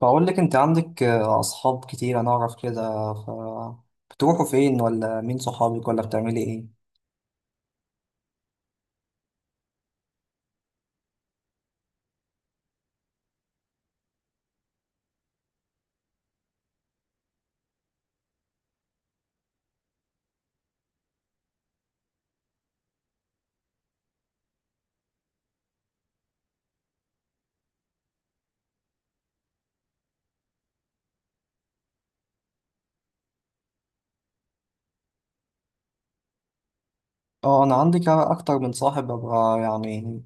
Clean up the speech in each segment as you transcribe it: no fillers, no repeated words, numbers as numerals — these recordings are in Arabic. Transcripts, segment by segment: بقول لك انت عندك اصحاب كتير، انا اعرف كده. ف بتروحوا فين؟ ولا مين صحابك؟ ولا بتعملي ايه؟ اه، انا عندي اكتر من صاحب، ببقى يعني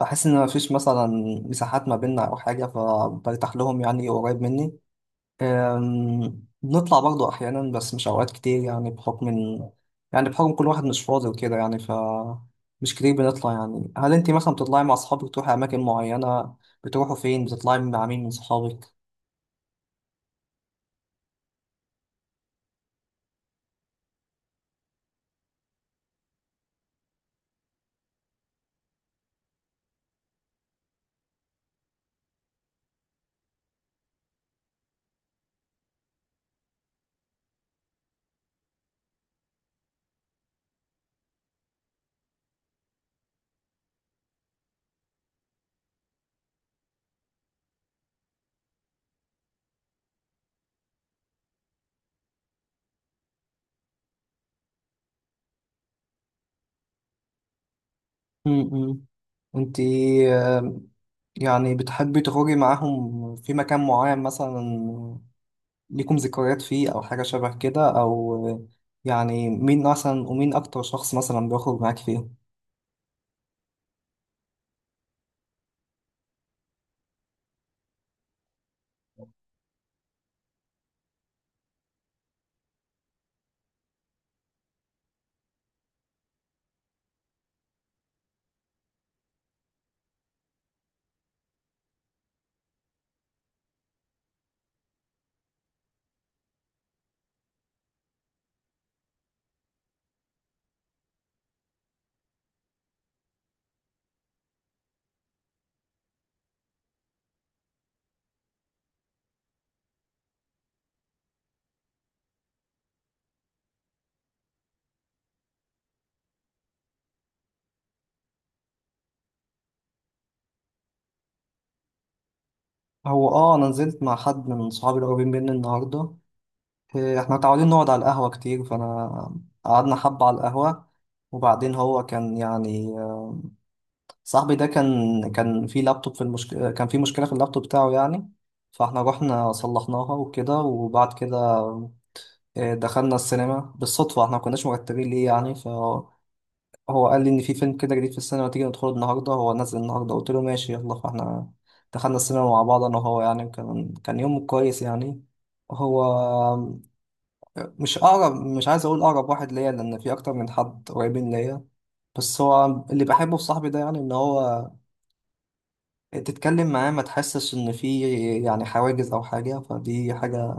بحس ان مفيش مثلا مساحات ما بيننا او حاجه، فبرتاح لهم يعني، قريب مني. بنطلع برضو احيانا، بس مش اوقات كتير، يعني بحكم ان، يعني بحكم كل واحد مش فاضي وكده يعني، مش كتير بنطلع يعني. هل انت مثلا بتطلعي مع اصحابك؟ تروحي اماكن معينه؟ بتروحوا فين؟ بتطلعي مع مين من صحابك؟ امم انت يعني بتحبي تخرجي معاهم في مكان معين مثلا؟ ليكم ذكريات فيه، او حاجة شبه كده؟ او يعني مين مثلا، ومين اكتر شخص مثلا بيخرج معاك فيه؟ هو انا نزلت مع حد من صحابي القريبين مني النهاردة. احنا متعودين نقعد على القهوة كتير، فانا قعدنا حبة على القهوة، وبعدين هو كان يعني صاحبي ده، كان في لابتوب، كان في مشكلة في اللابتوب بتاعه يعني، فاحنا رحنا صلحناها وكده. وبعد كده دخلنا السينما بالصدفة، احنا ما كناش مرتبين ليه يعني، فهو قال لي ان في فيلم كده جديد في السينما، تيجي ندخله النهاردة، هو نازل النهاردة. قلت له ماشي، يلا، فاحنا دخلنا السينما مع بعض، انا وهو يعني. كان يوم كويس يعني. هو مش عايز اقول اقرب واحد ليا، لان في اكتر من حد قريبين ليا، بس هو اللي بحبه في صاحبي ده، يعني ان هو تتكلم معاه ما تحسش ان في يعني حواجز او حاجه، فدي حاجه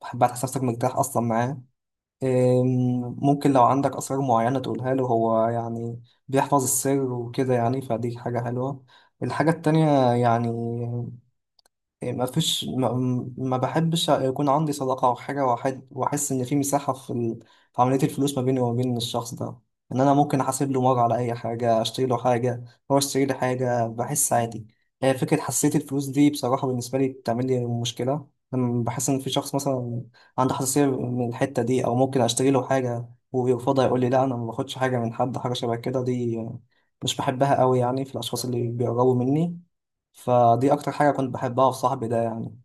بحبها، تحس نفسك مرتاح اصلا معاه. ممكن لو عندك اسرار معينه تقولها له، هو يعني بيحفظ السر وكده، يعني فدي حاجه حلوه. الحاجه التانية يعني إيه، ما فيش ما, ما بحبش يكون عندي صداقة أو حاجة، وأحس إن في مساحة في عملية الفلوس ما بيني وما بين الشخص ده، إن أنا ممكن أحاسب له مرة على أي حاجة، أشتري له حاجة، هو يشتري لي حاجة، بحس عادي. هي فكرة حساسية الفلوس دي بصراحة بالنسبة لي بتعمل لي مشكلة، لما بحس إن في شخص مثلا عنده حساسية من الحتة دي، أو ممكن أشتري له حاجة ويرفضها، يقول لي لا أنا ما باخدش حاجة من حد، حاجة شبه كده دي مش بحبها قوي يعني في الأشخاص اللي بيقربوا مني، فدي اكتر حاجة كنت بحبها في صاحبي ده يعني.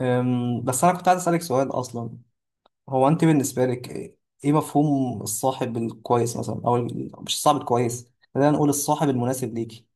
بس انا كنت عايز اسألك سؤال اصلا، هو انت بالنسبة لك ايه مفهوم الصاحب الكويس مثلا؟ مش الصاحب الكويس، خلينا نقول الصاحب المناسب ليكي.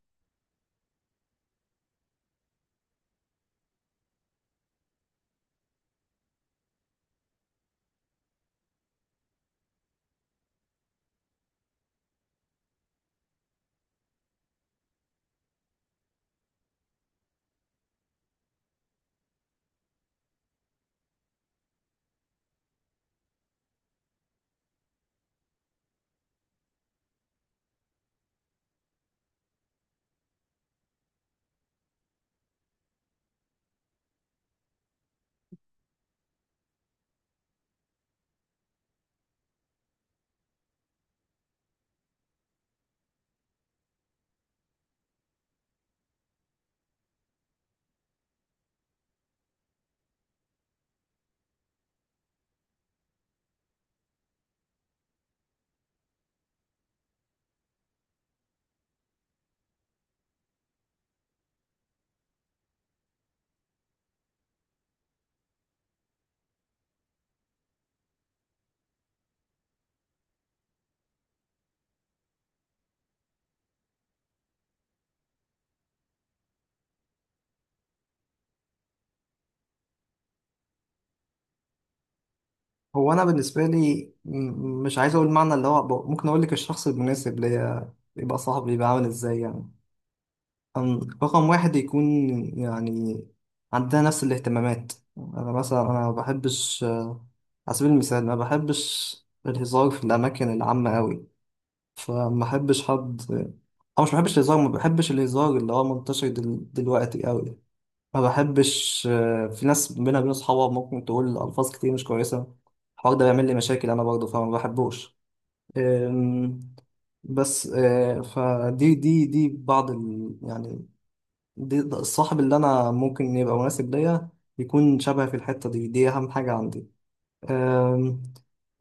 هو انا بالنسبة لي مش عايز اقول معنى اللي هو، ممكن اقول لك الشخص المناسب ليا يبقى صاحبي يبقى عامل ازاي يعني. رقم واحد، يكون يعني عندنا نفس الاهتمامات. انا مثلا، انا ما بحبش، على سبيل المثال، ما بحبش الهزار في الأماكن العامة أوي، فما بحبش حد. او مش ما بحبش الهزار ما بحبش الهزار اللي هو منتشر دلوقتي قوي. ما بحبش في ناس بينها وبين اصحابها ممكن تقول الفاظ كتير مش كويسه، الحوار ده بيعمل لي مشاكل انا برضه، فما بحبوش. أم، بس آه، فدي دي بعض يعني، ده الصاحب اللي انا ممكن يبقى مناسب ليا، يكون شبه في الحته دي. دي اهم حاجه عندي. أم،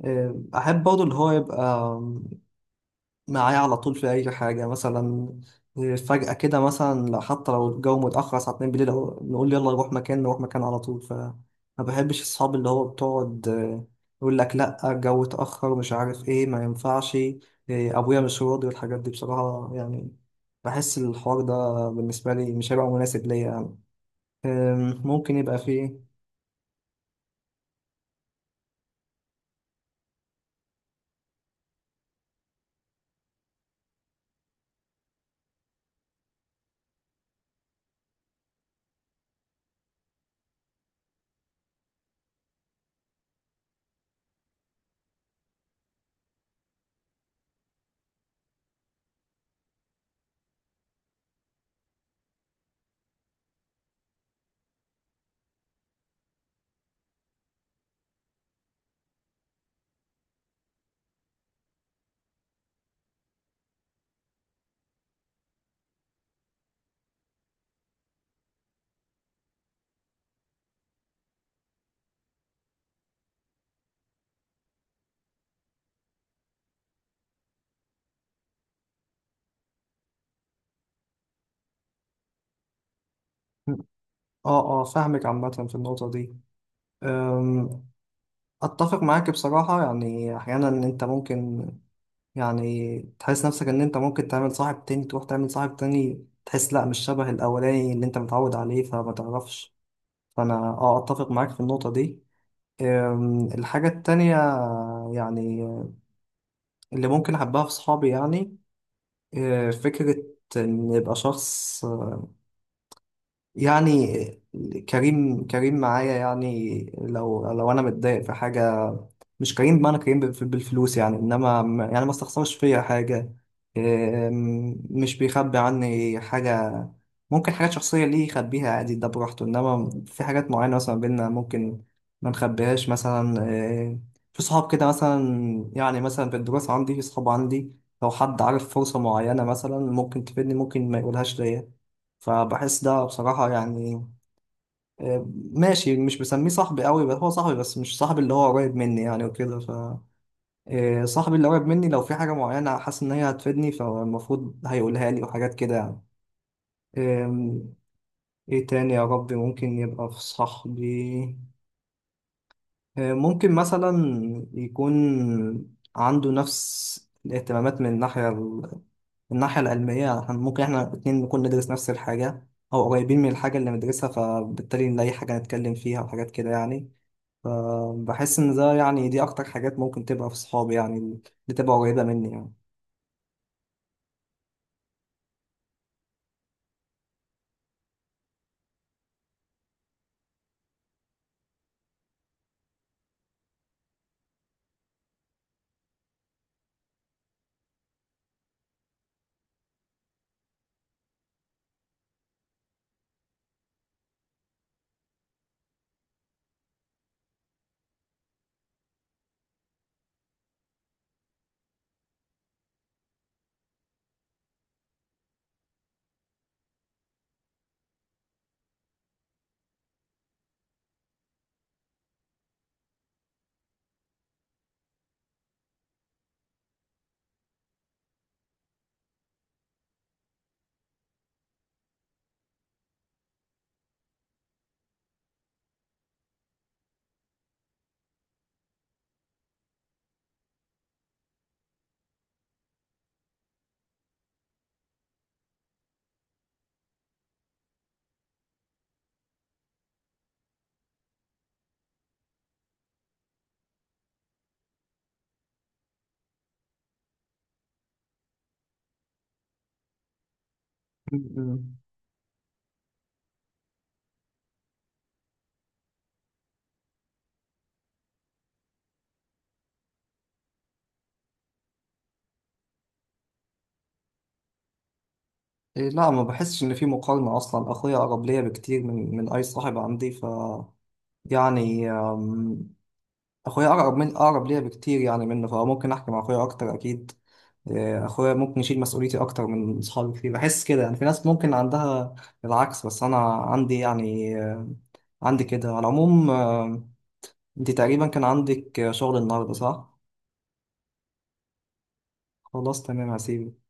أم، احب برضه اللي هو يبقى معايا على طول في أي حاجة، مثلا فجأة كده مثلا، حتى لو الجو متأخر الساعة 2 بالليل، أو نقول يلا نروح مكان، نروح مكان على طول، فما بحبش الصحاب اللي هو بتقعد يقول لك لأ، الجو اتأخر ومش عارف إيه، ما ينفعش، أبويا مش راضي، والحاجات دي بصراحة يعني بحس الحوار ده بالنسبة لي مش هيبقى مناسب ليا يعني. ممكن يبقى فيه. اه، اه، فاهمك. عامة في النقطة دي اتفق معاك بصراحة، يعني احيانا ان انت ممكن يعني تحس نفسك ان انت ممكن تعمل صاحب تاني، تروح تعمل صاحب تاني تحس لا مش شبه الاولاني اللي انت متعود عليه، فما تعرفش. فانا اتفق معاك في النقطة دي. الحاجة التانية يعني اللي ممكن احبها في صحابي يعني، فكرة ان يبقى شخص يعني كريم، كريم معايا، يعني لو انا متضايق في حاجة، مش كريم بمعنى كريم بالفلوس يعني، انما يعني ما استخسرش فيا حاجه. مش بيخبي عني حاجه، ممكن حاجات شخصيه ليه يخبيها عادي، ده براحته، انما في حاجات معينه مثلا بينا، ممكن ما نخبيهاش مثلا. في صحاب كده مثلا يعني، مثلا في الدراسه عندي، في صحاب عندي لو حد عارف فرصه معينه مثلا ممكن تفيدني، ممكن ما يقولهاش ليا، فبحس ده بصراحه يعني آه، ماشي، مش بسميه صاحبي قوي، بس هو صاحبي، بس مش صاحبي اللي هو قريب مني يعني وكده. صاحبي اللي قريب مني لو في حاجة معينة حاسس إن هي هتفيدني، فالمفروض هيقولها لي، وحاجات كده يعني. إم، إيه تاني يا ربي؟ ممكن يبقى في صاحبي ممكن مثلا يكون عنده نفس الاهتمامات من الناحية من الناحية العلمية يعني، إحنا ممكن إحنا الاتنين نكون ندرس نفس الحاجة أو قريبين من الحاجة اللي بندرسها، فبالتالي نلاقي حاجة نتكلم فيها، وحاجات كده يعني. فبحس إن ده يعني دي أكتر حاجات ممكن تبقى في صحابي يعني، اللي تبقى قريبة مني يعني. مم. لا، ما بحسش ان في مقارنة اصلا، اخويا اقرب ليا بكتير من اي صاحب عندي، يعني، اخويا اقرب، من اقرب ليا بكتير يعني منه، فممكن احكي مع اخويا اكتر اكيد. اخويا ممكن يشيل مسؤوليتي اكتر من صحابي كتير، بحس كده يعني. في ناس ممكن عندها العكس، بس انا عندي يعني عندي كده على العموم. انت تقريبا كان عندك شغل النهارده، صح؟ خلاص، تمام، هسيبك.